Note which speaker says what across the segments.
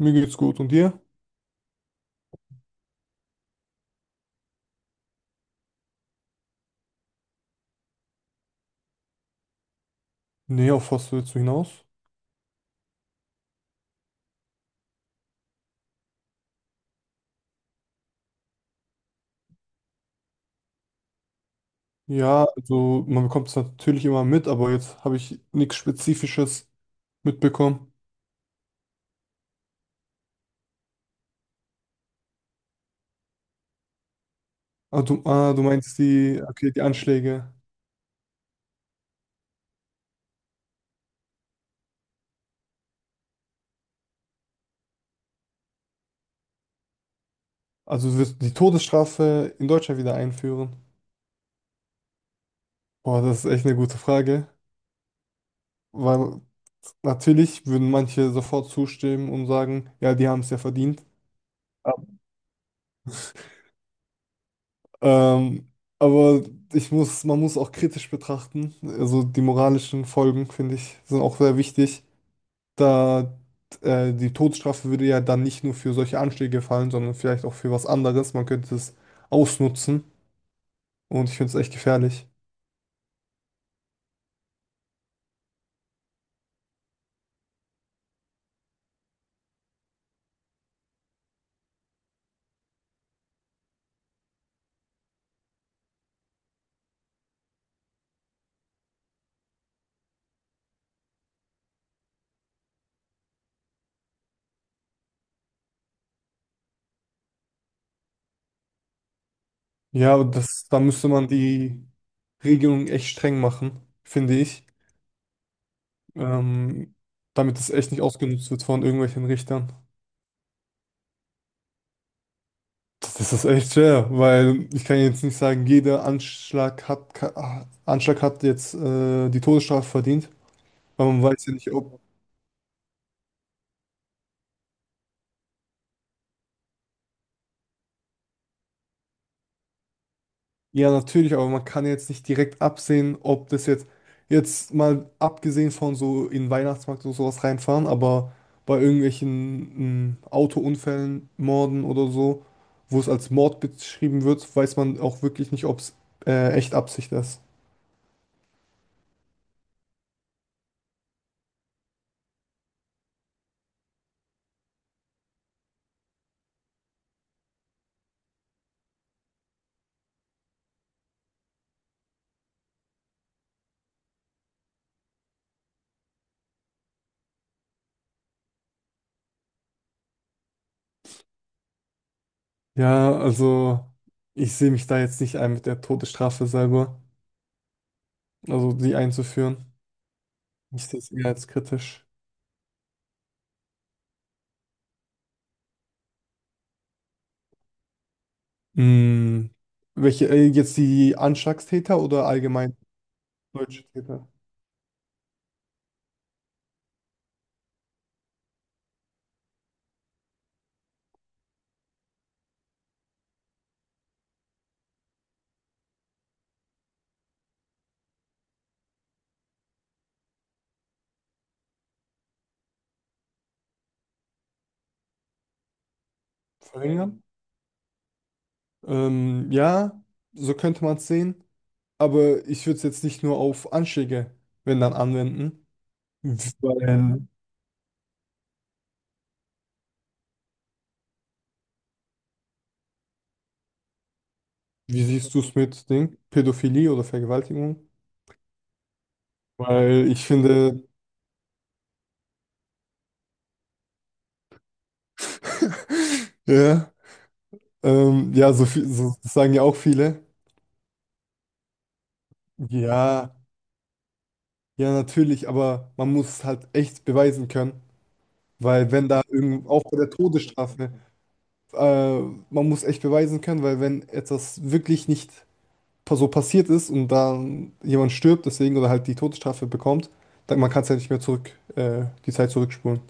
Speaker 1: Mir geht's gut. Und dir? Nee, auf was willst du hinaus? Ja, also man bekommt es natürlich immer mit, aber jetzt habe ich nichts Spezifisches mitbekommen. Du meinst die, okay, die Anschläge. Also du wirst die Todesstrafe in Deutschland wieder einführen? Boah, das ist echt eine gute Frage, weil natürlich würden manche sofort zustimmen und sagen, ja, die haben es ja verdient. Ähm, aber man muss auch kritisch betrachten. Also die moralischen Folgen, finde ich, sind auch sehr wichtig. Da Die Todesstrafe würde ja dann nicht nur für solche Anschläge fallen, sondern vielleicht auch für was anderes. Man könnte es ausnutzen und ich finde es echt gefährlich. Ja, und da müsste man die Regelung echt streng machen, finde ich, ähm, damit es echt nicht ausgenutzt wird von irgendwelchen Richtern. Ist echt schwer, weil ich kann jetzt nicht sagen, jeder Anschlag hat, ka- Anschlag hat jetzt die Todesstrafe verdient, weil man weiß ja nicht, ob. Ja, natürlich, aber man kann jetzt nicht direkt absehen, jetzt mal abgesehen von so in den Weihnachtsmarkt oder sowas reinfahren, aber bei irgendwelchen Autounfällen, Morden oder so, wo es als Mord beschrieben wird, weiß man auch wirklich nicht, ob es echt Absicht ist. Ja, also ich sehe mich da jetzt nicht ein mit der Todesstrafe selber, also die einzuführen. Ich sehe es eher als kritisch. Mm, Welche, jetzt die Anschlagstäter oder allgemein deutsche Täter? Verringern? Ja, so könnte man es sehen. Aber ich würde es jetzt nicht nur auf Anschläge, wenn dann, anwenden. Weil, wie siehst du es mit Ding? Pädophilie oder Vergewaltigung? Weil ich finde, ja, ja, so viel, so, das sagen ja auch viele. Ja, ja, natürlich, aber man muss es halt echt beweisen können. Weil wenn da irgend, auch bei der Todesstrafe, äh, man muss echt beweisen können, weil wenn etwas wirklich nicht so passiert ist und dann jemand stirbt, deswegen oder halt die Todesstrafe bekommt, dann man kann es ja nicht mehr zurück, die Zeit zurückspulen.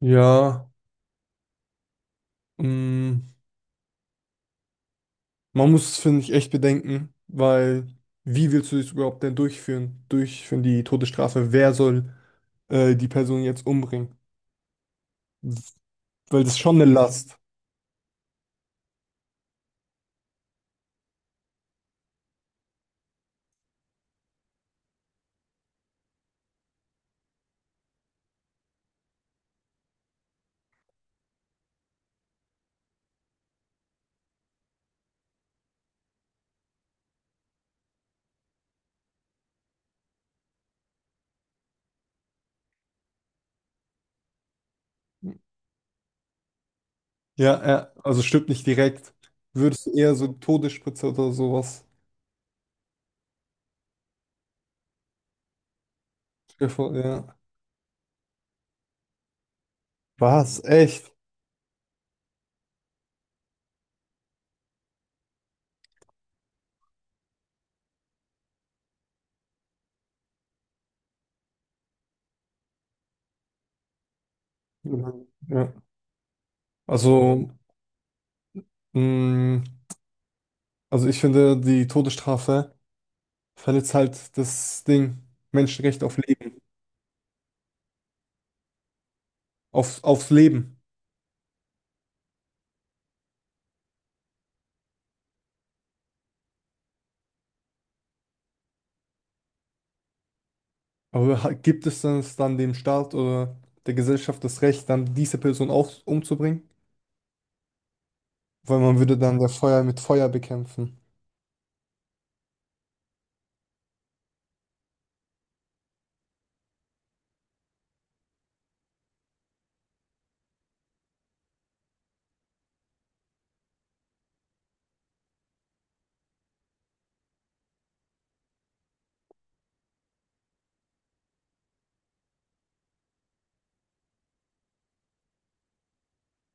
Speaker 1: Ja, mm, man muss es, finde ich, echt bedenken, weil wie willst du das überhaupt denn durchführen? Durchführen die Todesstrafe? Wer soll die Person jetzt umbringen? Weil das ist schon eine Last. Ja, ja, also stirbt nicht direkt. Würdest du eher so eine Todesspritze oder sowas? Stell dir vor, ja. Was? Echt? Ja. Also, mh, also ich finde, die Todesstrafe verletzt halt das Ding, Menschenrecht auf Leben, auf, aufs Leben. Gibt es denn es dann dem Staat oder der Gesellschaft das Recht, dann diese Person auch umzubringen? Weil man würde dann der Feuer mit Feuer bekämpfen.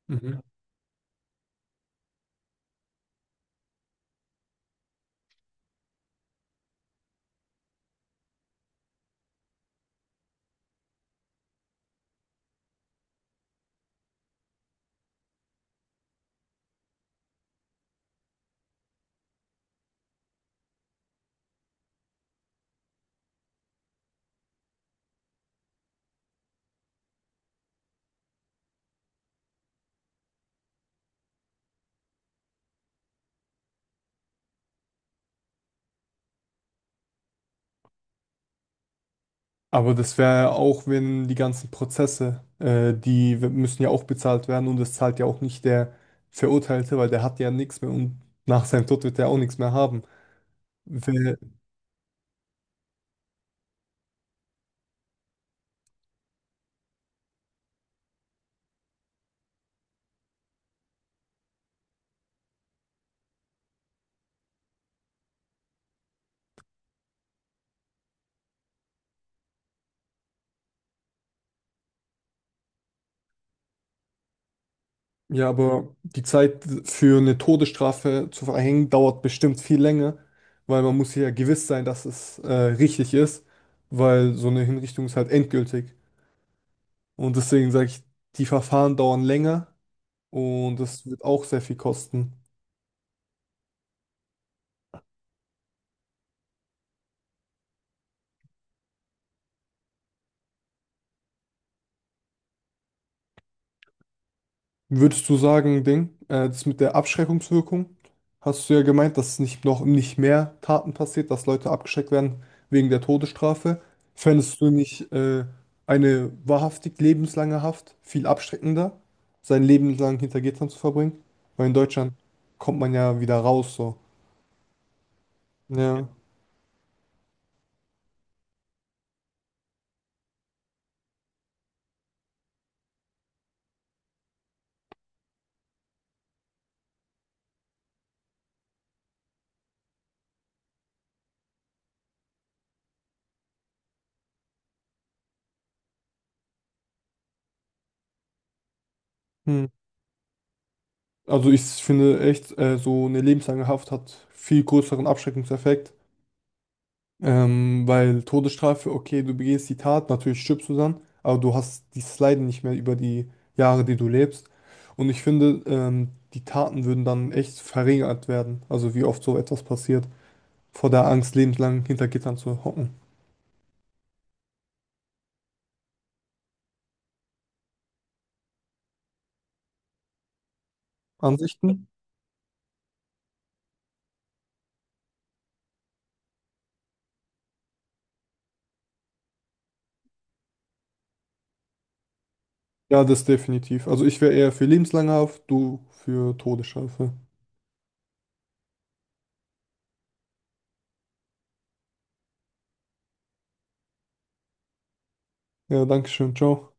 Speaker 1: Mhm. Aber das wäre auch, wenn die ganzen Prozesse, müssen ja auch bezahlt werden und das zahlt ja auch nicht der Verurteilte, weil der hat ja nichts mehr und nach seinem Tod wird er auch nichts mehr haben. Wer, ja, aber die Zeit für eine Todesstrafe zu verhängen dauert bestimmt viel länger, weil man muss sich ja gewiss sein, dass es richtig ist, weil so eine Hinrichtung ist halt endgültig. Und deswegen sage ich, die Verfahren dauern länger und es wird auch sehr viel kosten. Würdest du sagen, Ding, das mit der Abschreckungswirkung, hast du ja gemeint, dass es nicht noch nicht mehr Taten passiert, dass Leute abgeschreckt werden wegen der Todesstrafe. Fändest du nicht eine wahrhaftig lebenslange Haft viel abschreckender, sein Leben lang hinter Gittern zu verbringen? Weil in Deutschland kommt man ja wieder raus, so. Ja. Hm. Also ich finde echt, so eine lebenslange Haft hat viel größeren Abschreckungseffekt. Weil Todesstrafe, okay, du begehst die Tat, natürlich stirbst du dann, aber du hast dieses Leiden nicht mehr über die Jahre, die du lebst. Und ich finde, die Taten würden dann echt verringert werden. Also wie oft so etwas passiert, vor der Angst, lebenslang hinter Gittern zu hocken. Ansichten? Ja, das definitiv. Also ich wäre eher für lebenslange Haft, du für Todesstrafe. Ja, danke schön, ciao.